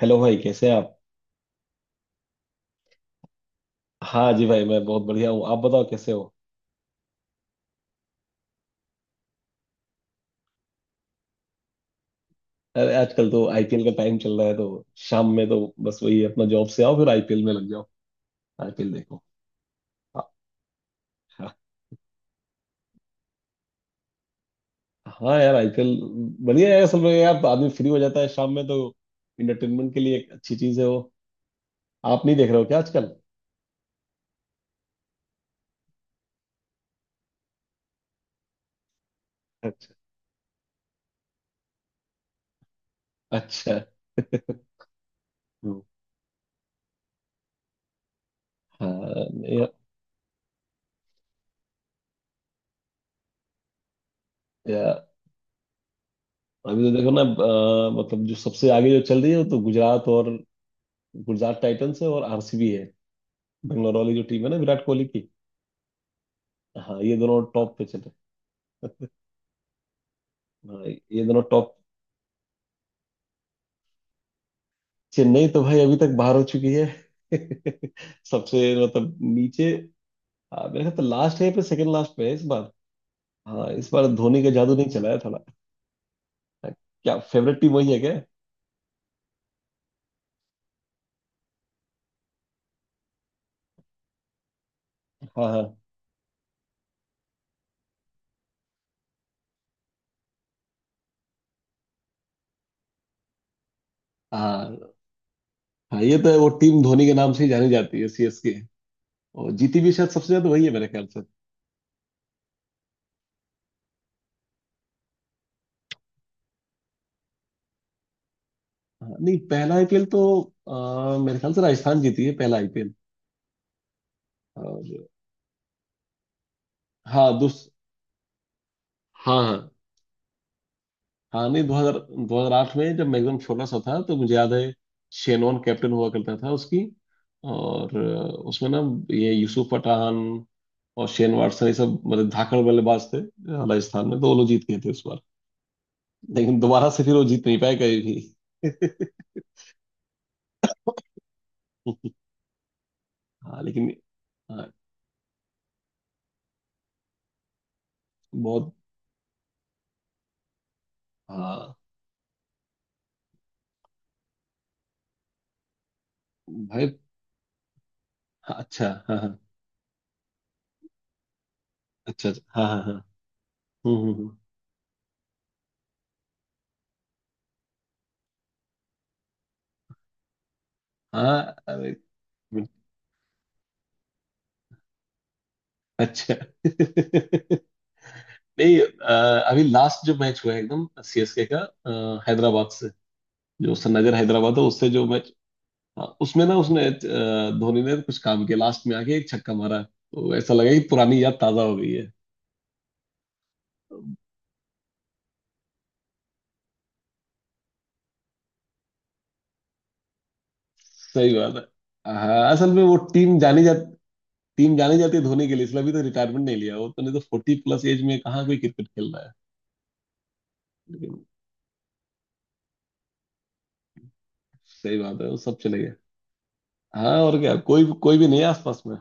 Hello भाई, कैसे हैं आप। हाँ जी भाई, मैं बहुत बढ़िया हूँ। आप बताओ, कैसे हो। अरे आजकल तो आईपीएल का टाइम चल रहा है तो शाम में तो बस वही, अपना जॉब से आओ फिर आईपीएल में लग जाओ, आईपीएल देखो। हाँ हाँ। हाँ यार, आईपीएल बढ़िया है। असल में यार आदमी फ्री हो जाता है शाम में तो, इंटरटेनमेंट के लिए एक अच्छी चीज है वो। आप नहीं देख रहे हो क्या आजकल। अच्छा, अच्छा। हम्म, हाँ नहीं। या, अभी तो देखो ना, मतलब जो सबसे आगे जो चल रही है वो तो गुजरात, और गुजरात टाइटंस है, और आरसीबी है, बेंगलोर वाली जो टीम है ना, विराट कोहली की। हाँ, ये दोनों टॉप पे चले। हाँ, ये दोनों टॉप। चेन्नई तो भाई अभी तक बाहर हो चुकी है। सबसे मतलब नीचे। हाँ, मेरे ख्याल तो लास्ट है पे, सेकंड लास्ट पे है इस बार। हाँ, इस बार धोनी का जादू नहीं चला है थोड़ा। क्या फेवरेट टीम वही है क्या। हाँ। हाँ। हाँ, हाँ, ये तो है। वो टीम धोनी के नाम से ही जानी जाती है, सीएसके। और जीती भी शायद सबसे ज्यादा वही है मेरे ख्याल से। हाँ, नहीं पहला आईपीएल तो मेरे ख्याल से राजस्थान जीती है पहला आईपीएल। और हाँ दूस हाँ, हाँ। हाँ नहीं, 2008 में जब मैं एकदम छोटा सा था तो मुझे याद है, शेनॉन कैप्टन हुआ करता था उसकी। और उसमें ना, ये यूसुफ पठान और शेन वाटसन, ये सब मतलब धाकड़ बल्लेबाज थे राजस्थान में, तो वो लोग जीत गए थे उस बार। लेकिन दोबारा से फिर वो जीत नहीं पाए कभी भी। हाँ, लेकिन हाँ। बहुत। हाँ भाई। हाँ, अच्छा, हाँ हाँ। अच्छा अच्छा, हाँ हाँ हाँ। हम्म हम्म हम्म। हाँ अरे। अच्छा। नहीं, अभी लास्ट जो मैच हुआ है एकदम सीएसके का हैदराबाद से, जो सनराइजर हैदराबाद है उससे जो मैच। हाँ, उसमें ना उसने, धोनी ने कुछ काम किया लास्ट में आके, एक छक्का मारा तो ऐसा लगा कि पुरानी याद ताजा हो गई है। सही बात है, हाँ। असल में वो टीम जानी जाती है धोनी के लिए। इसलिए अभी तो रिटायरमेंट नहीं लिया, वो तो नहीं तो 40 प्लस एज में कहाँ कोई क्रिकेट खेल रहा है। लेकिन सही बात है, वो सब चले गए। हाँ, और क्या, कोई कोई भी नहीं है आसपास में।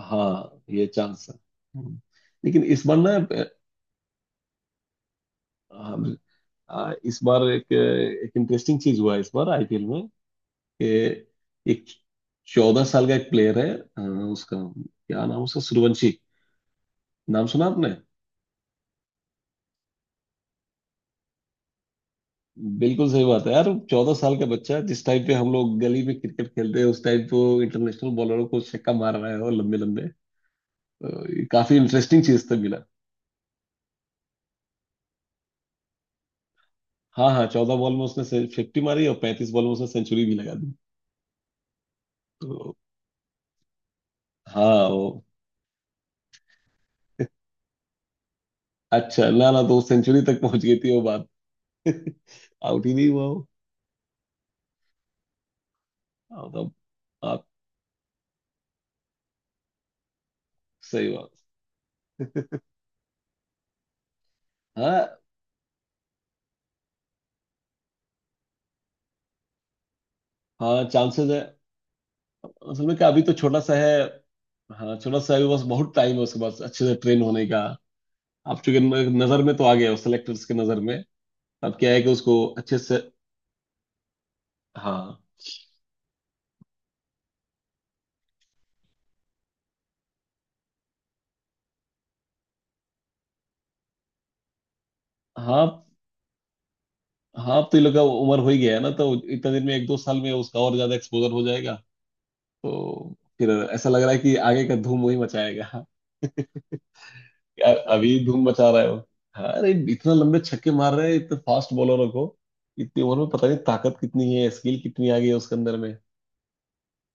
हाँ, ये चांस है। हम्म। लेकिन इस बार ना, हाँ, इस बार एक एक इंटरेस्टिंग चीज हुआ है इस बार आईपीएल में, कि एक चौदह साल का एक प्लेयर है, उसका क्या नाम, उसका सूर्यवंशी नाम। सुना आपने। बिल्कुल सही बात है यार। 14 साल का बच्चा, जिस टाइम पे हम लोग गली में क्रिकेट खेलते हैं उस टाइम पे वो इंटरनेशनल बॉलरों को छक्का मार रहा है, और लंबे लंबे। तो ये काफी इंटरेस्टिंग चीज तो मिला। हाँ हाँ, 14 बॉल में उसने 50 मारी, और 35 बॉल में उसने सेंचुरी भी लगा दी। तो हाँ, वो अच्छा, ना ना तो सेंचुरी तक पहुंच गई थी वो बात, आउट ही नहीं हुआ हो। मतलब आप। सही बात। हाँ हाँ, चांसेस है। असल में क्या, अभी तो छोटा सा है। हाँ, छोटा सा है, बस बहुत टाइम है उसके पास अच्छे से ट्रेन होने का। आप चूंकि नजर में तो आ गया हो, सेलेक्टर्स की नजर में। अब क्या है कि उसको अच्छे से। हाँ। हाँ। हाँ, अब तो ये लोग का उम्र हो ही गया है ना, तो इतना दिन में, 1-2 साल में उसका और ज्यादा एक्सपोजर हो जाएगा। तो फिर ऐसा लग रहा है कि आगे का धूम वही मचाएगा। अभी धूम मचा रहे हो। हाँ अरे, इतना लंबे छक्के मार रहे हैं इतने फास्ट बॉलरों को। इतनी उम्र में पता नहीं ताकत कितनी है, स्किल कितनी आ गई है उसके अंदर में,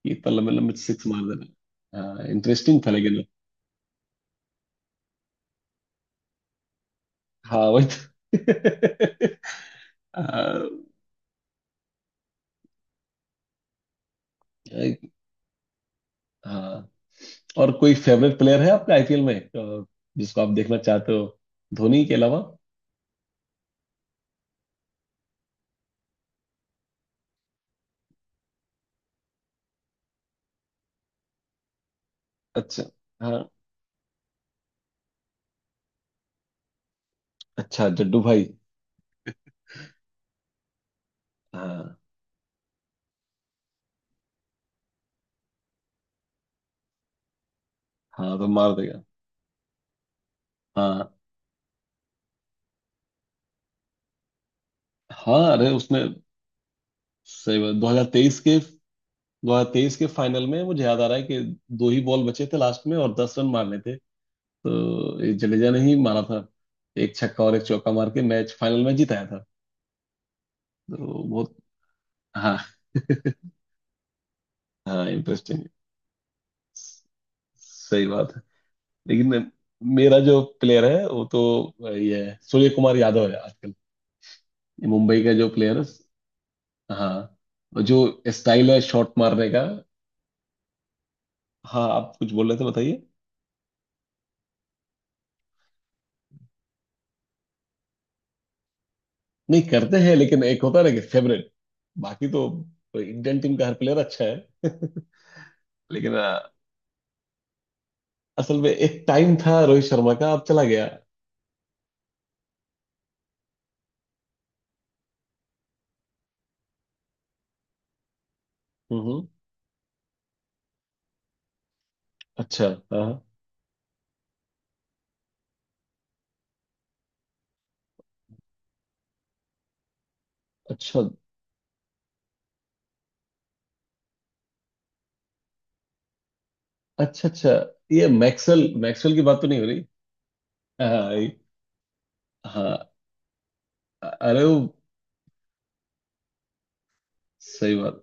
कि इतना लंबे लंबे सिक्स मार दे रहे हैं। हाँ, इंटरेस्टिंग था। लेकिन हाँ, वही तो। हाँ। एक- हाँ। और कोई फेवरेट प्लेयर है आपका आईपीएल में, जिसको आप देखना चाहते हो, धोनी के अलावा। अच्छा। हाँ। अच्छा, जड्डू भाई। हाँ। हाँ, तो मार देगा। हाँ। हाँ अरे, उसने सही बात, 2023 के 2023 के फाइनल में मुझे याद आ रहा है कि 2 ही बॉल बचे थे लास्ट में, और 10 रन मारने थे। तो ये जडेजा ने ही मारा था, एक छक्का और एक चौका मार के मैच फाइनल में जिताया था। तो बहुत। हाँ। हाँ, इंटरेस्टिंग, सही बात है। लेकिन मेरा जो प्लेयर है वो तो ये है, सूर्य कुमार यादव है आजकल, ये मुंबई का जो प्लेयर है। हाँ। और जो स्टाइल है शॉट मारने का। हाँ, आप कुछ बोल रहे थे, बताइए। नहीं करते हैं, लेकिन एक होता है ना कि फेवरेट। बाकी तो इंडियन टीम का हर प्लेयर अच्छा है। लेकिन असल में एक टाइम था रोहित शर्मा का, अब चला गया। हम्म हम्म, अच्छा। हाँ। अच्छा, अच्छा, अच्छा। ये मैक्सवेल, मैक्सवेल की बात तो नहीं हो रही। हाँ, हाँ। अरे वो सही बात।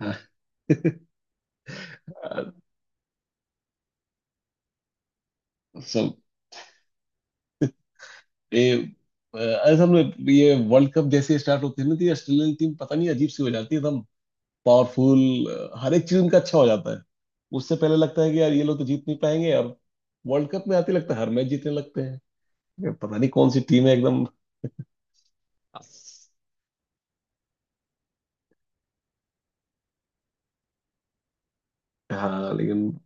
हाँ। अ, सब ये, असल में ये वर्ल्ड कप जैसे स्टार्ट होती है ना, तो ये ऑस्ट्रेलियन टीम पता नहीं अजीब सी हो जाती है, पावरफुल, हर एक चीज उनका अच्छा हो जाता है। उससे पहले लगता है कि यार ये लोग तो जीत नहीं पाएंगे, और वर्ल्ड कप में आते लगता है हर मैच जीतने लगते हैं। ये पता नहीं कौन सी टीम है एकदम। हाँ लेकिन।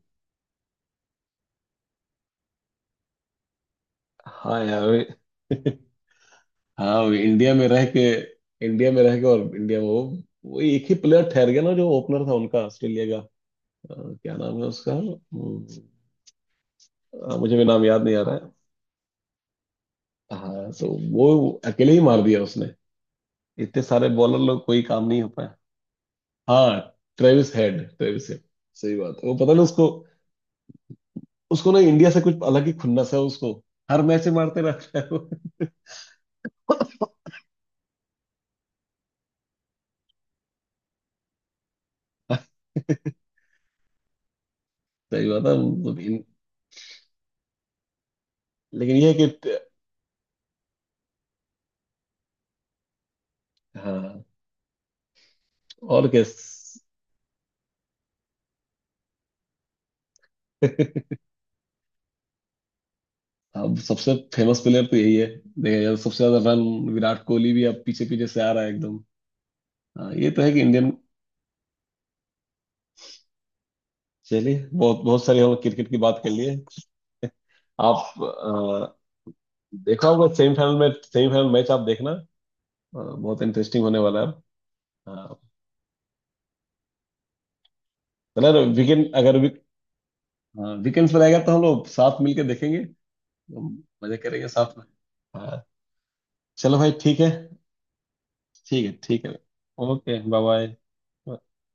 हाँ यार। हाँ, वो इंडिया में रह के, इंडिया में रह के, और इंडिया में वो एक ही प्लेयर ठहर गया ना, जो ओपनर था उनका, ऑस्ट्रेलिया का। अ, क्या नाम है उसका। मुझे भी नाम याद नहीं आ रहा है। हाँ तो वो अकेले ही मार दिया उसने, इतने सारे बॉलर लोग, कोई काम नहीं हो पाया। हाँ, ट्रेविस हेड, ट्रेविस हेड, सही बात है। वो पता ना उसको, उसको ना इंडिया से कुछ अलग ही खुन्नस है उसको, हर मैच में मारते रहता है वो। सही बात है, मतलब लेकिन ये है कि हाँ, और क्या। अब सबसे फेमस प्लेयर तो यही है। देखिए यार, सबसे ज्यादा रन विराट कोहली भी अब पीछे पीछे से आ रहा है एकदम। हाँ, ये तो है कि इंडियन। चलिए, बहुत बहुत सारी हम क्रिकेट की बात कर लिए। आप देखा होगा सेमीफाइनल में, सेमीफाइनल मैच आप देखना, बहुत इंटरेस्टिंग होने वाला है। हाँ, चलो वीकेंड, अगर वीकेंड पर आएगा तो हम लोग साथ मिलके देखेंगे। हम मजे करेंगे साथ में। हाँ। चलो भाई, ठीक है। ठीक है, ठीक है। Okay, bye bye.